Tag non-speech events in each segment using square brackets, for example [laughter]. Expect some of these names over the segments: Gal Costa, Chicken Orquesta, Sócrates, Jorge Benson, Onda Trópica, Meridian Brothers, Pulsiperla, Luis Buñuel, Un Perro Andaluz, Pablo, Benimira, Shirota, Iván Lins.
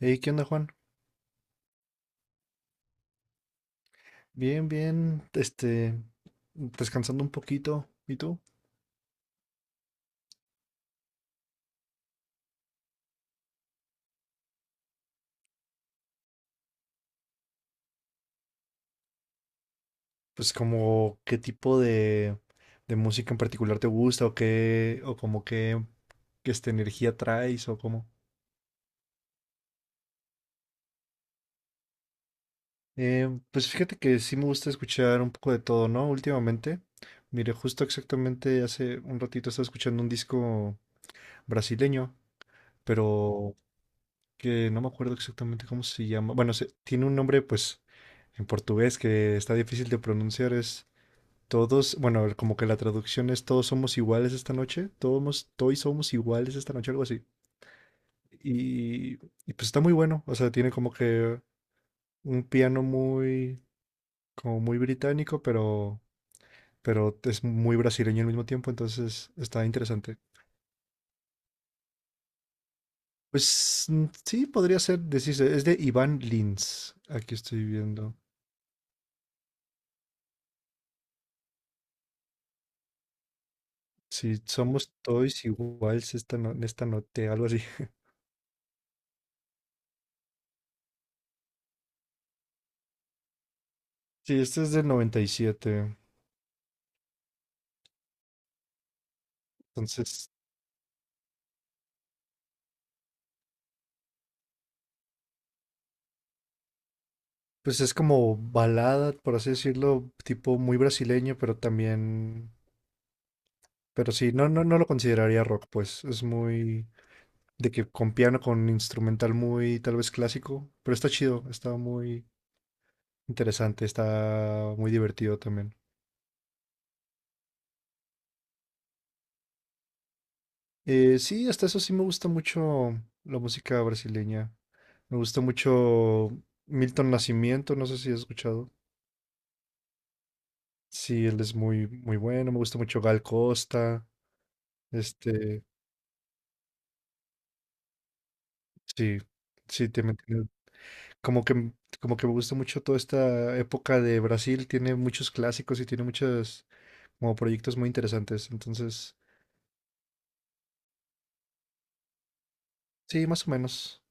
Hey, ¿qué onda, Juan? Bien, bien, descansando un poquito. ¿Y tú? Pues como qué tipo de música en particular te gusta o qué, o como qué, qué esta energía traes o cómo. Pues fíjate que sí me gusta escuchar un poco de todo, ¿no? Últimamente, mire, justo exactamente hace un ratito estaba escuchando un disco brasileño, pero que no me acuerdo exactamente cómo se llama. Bueno, tiene un nombre pues en portugués que está difícil de pronunciar, es... Todos, bueno, como que la traducción es todos somos iguales esta noche, todos, todos somos iguales esta noche, algo así. Y, y pues está muy bueno, o sea, tiene como que un piano muy, como muy británico, pero es muy brasileño al mismo tiempo, entonces está interesante. Pues mm, sí, podría ser, decirse, es de Iván Lins, aquí estoy viendo. Si somos todos iguales esta, esta noche, algo así. [laughs] Sí, este es del 97 entonces. Pues es como balada, por así decirlo, tipo muy brasileño, pero también, pero sí, no lo consideraría rock, pues es muy de que con piano, con instrumental muy tal vez clásico, pero está chido, está muy interesante, está muy divertido también. Sí, hasta eso sí me gusta mucho la música brasileña. Me gusta mucho Milton Nascimento, no sé si has escuchado. Sí, él es muy, muy bueno. Me gusta mucho Gal Costa. Este, sí, sí, te... Como que, como que me gusta mucho toda esta época de Brasil, tiene muchos clásicos y tiene muchos como proyectos muy interesantes. Entonces, sí, más o menos.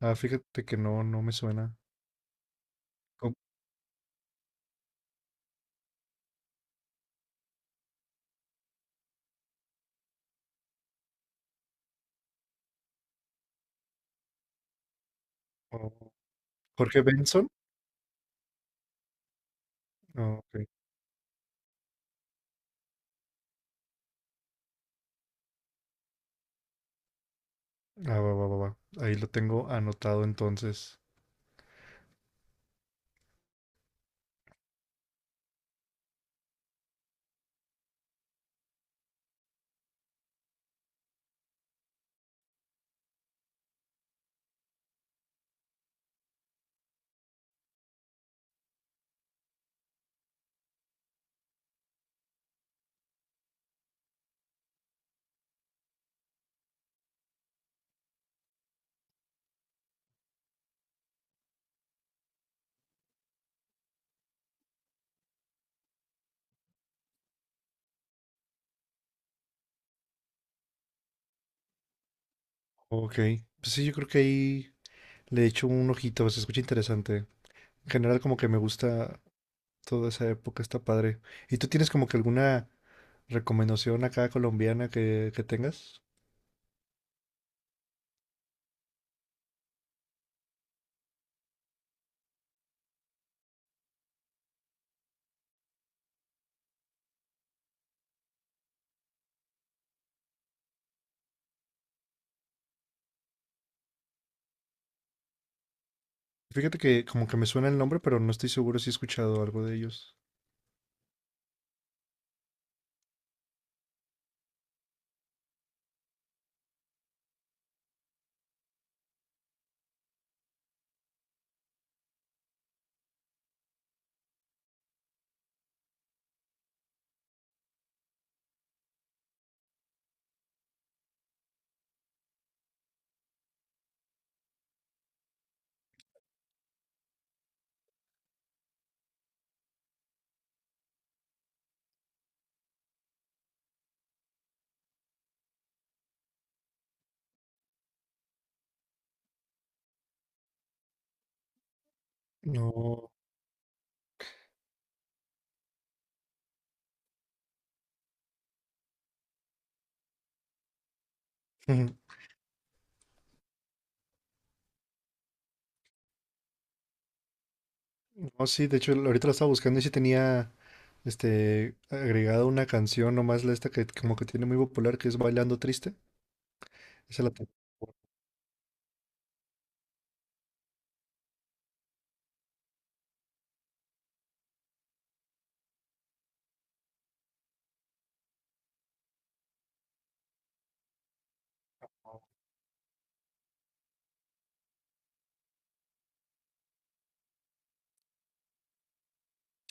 Ah, fíjate que no, no me suena. Como Jorge Benson. Ah, ok. Ah, va, va, va, va. Ahí lo tengo anotado entonces. Ok. Pues sí, yo creo que ahí le echo un ojito, se escucha interesante. En general, como que me gusta toda esa época, está padre. ¿Y tú tienes como que alguna recomendación acá colombiana que tengas? Fíjate que como que me suena el nombre, pero no estoy seguro si he escuchado algo de ellos. No, ujú, no, sí, de hecho ahorita lo estaba buscando y sí tenía este agregada una canción nomás la esta que como que tiene muy popular que es Bailando Triste. Esa la tengo.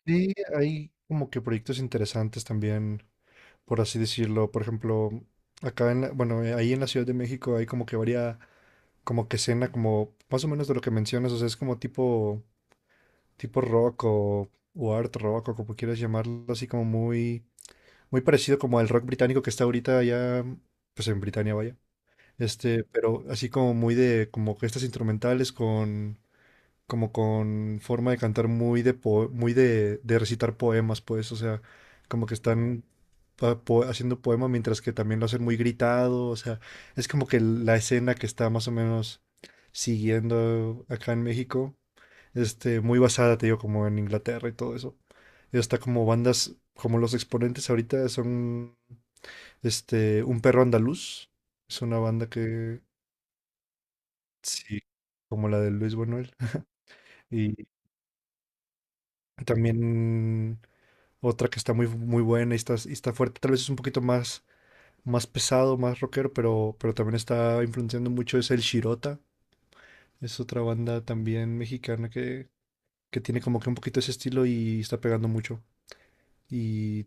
Sí, hay como que proyectos interesantes también, por así decirlo. Por ejemplo, acá en bueno, ahí en la Ciudad de México hay como que varía como que escena como más o menos de lo que mencionas, o sea, es como tipo tipo rock o art rock o como quieras llamarlo, así como muy, muy parecido como al rock británico que está ahorita allá, mm, pues en Britania vaya, este, pero así como muy de, como que estas instrumentales con, como con forma de cantar muy de, muy de recitar poemas, pues, o sea, como que están haciendo poema mientras que también lo hacen muy gritado, o sea, es como que la escena que está más o menos siguiendo acá en México este, muy basada, te digo, como en Inglaterra y todo eso. Y hasta como bandas, como los exponentes ahorita son, este, Un Perro Andaluz, es una banda que, sí, como la de Luis Buñuel. Y también otra que está muy, muy buena y está fuerte, tal vez es un poquito más, más pesado, más rockero, pero también está influenciando mucho, es el Shirota, es otra banda también mexicana que tiene como que un poquito ese estilo y está pegando mucho. Y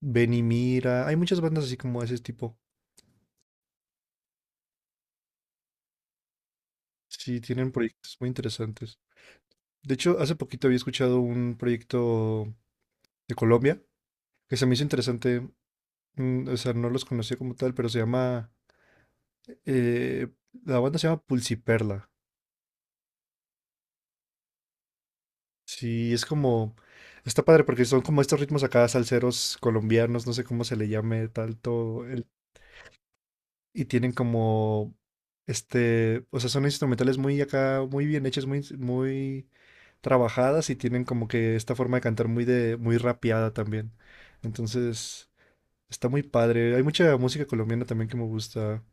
Benimira. Hay muchas bandas así como ese tipo. Sí, tienen proyectos muy interesantes. De hecho, hace poquito había escuchado un proyecto de Colombia que se me hizo interesante. Mm, o sea, no los conocía como tal, pero se llama... eh, la banda se llama Pulsiperla. Sí, es como... Está padre porque son como estos ritmos acá salseros colombianos, no sé cómo se le llame tanto. Y tienen como... Este, o sea, son instrumentales muy acá, muy bien hechas, muy, muy trabajadas y tienen como que esta forma de cantar muy de, muy rapeada también. Entonces, está muy padre. Hay mucha música colombiana también que me gusta.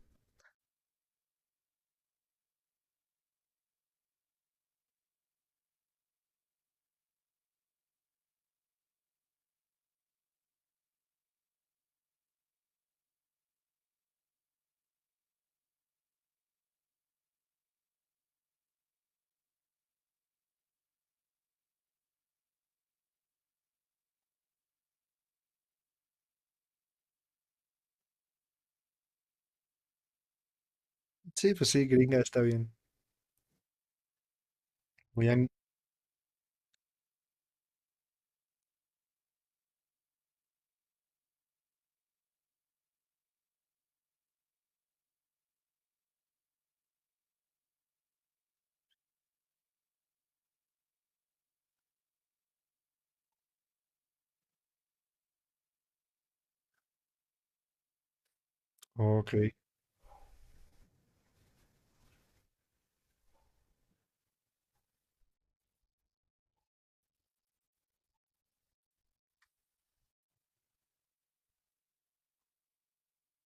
Sí, pues sí, gringa está bien. Muy ang- Ok.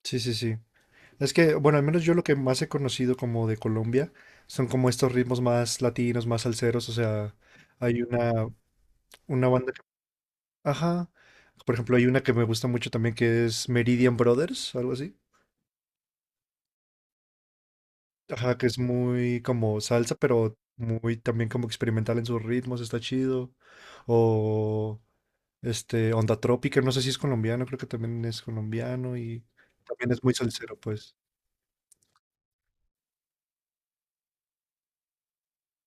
Sí, sí, sí. Es que, bueno, al menos yo lo que más he conocido como de Colombia son como estos ritmos más latinos, más salseros. O sea, hay una, una banda que... Ajá. Por ejemplo, hay una que me gusta mucho también que es Meridian Brothers, algo así. Ajá, que es muy como salsa, pero muy también como experimental en sus ritmos, está chido. O este, Onda Trópica, no sé si es colombiano, creo que también es colombiano y también es muy salsero, pues.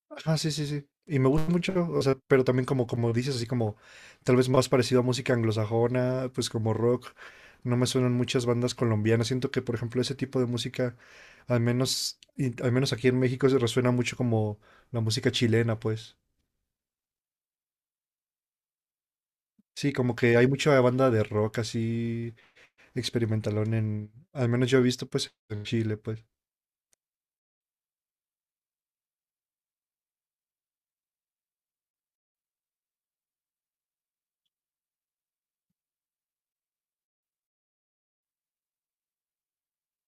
Ajá, sí, sí, sí. Y me gusta mucho, o sea, pero también como, como dices, así como tal vez más parecido a música anglosajona, pues como rock. No me suenan muchas bandas colombianas. Siento que, por ejemplo, ese tipo de música, al menos, al menos aquí en México, se resuena mucho como la música chilena, pues. Sí, como que hay mucha banda de rock así experimentalón en, al menos yo he visto pues en Chile, pues.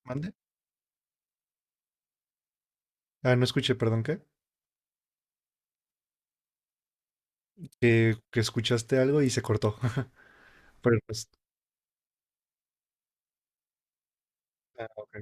¿Mande? Ah, no escuché, perdón, ¿qué? Que escuchaste algo y se cortó. [laughs] Pero pues, ah, ok.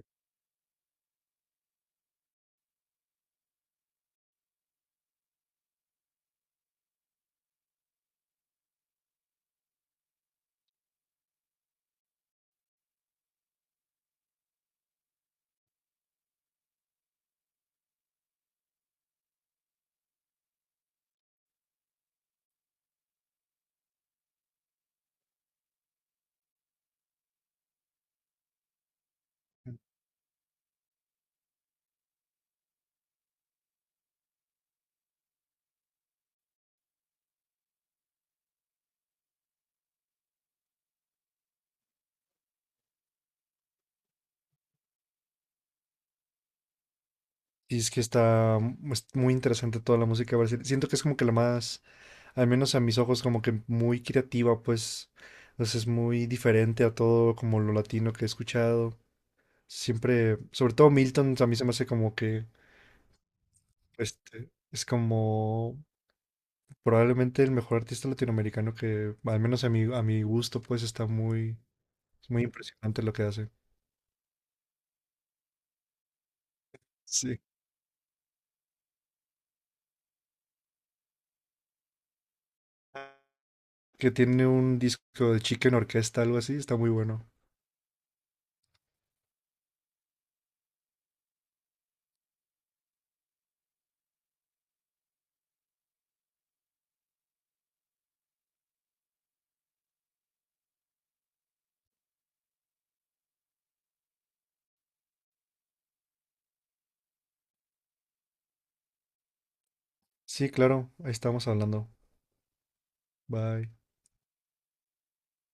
Y es que está es muy interesante toda la música brasileña. Siento que es como que la más, al menos a mis ojos, como que muy creativa, pues. Entonces es muy diferente a todo como lo latino que he escuchado. Siempre, sobre todo Milton, a mí se me hace como que, este, es como probablemente el mejor artista latinoamericano que, al menos a a mi gusto, pues está muy, es muy impresionante lo que hace. Sí. Que tiene un disco de Chicken Orquesta, algo así, está muy bueno. Sí, claro, ahí estamos hablando. Bye.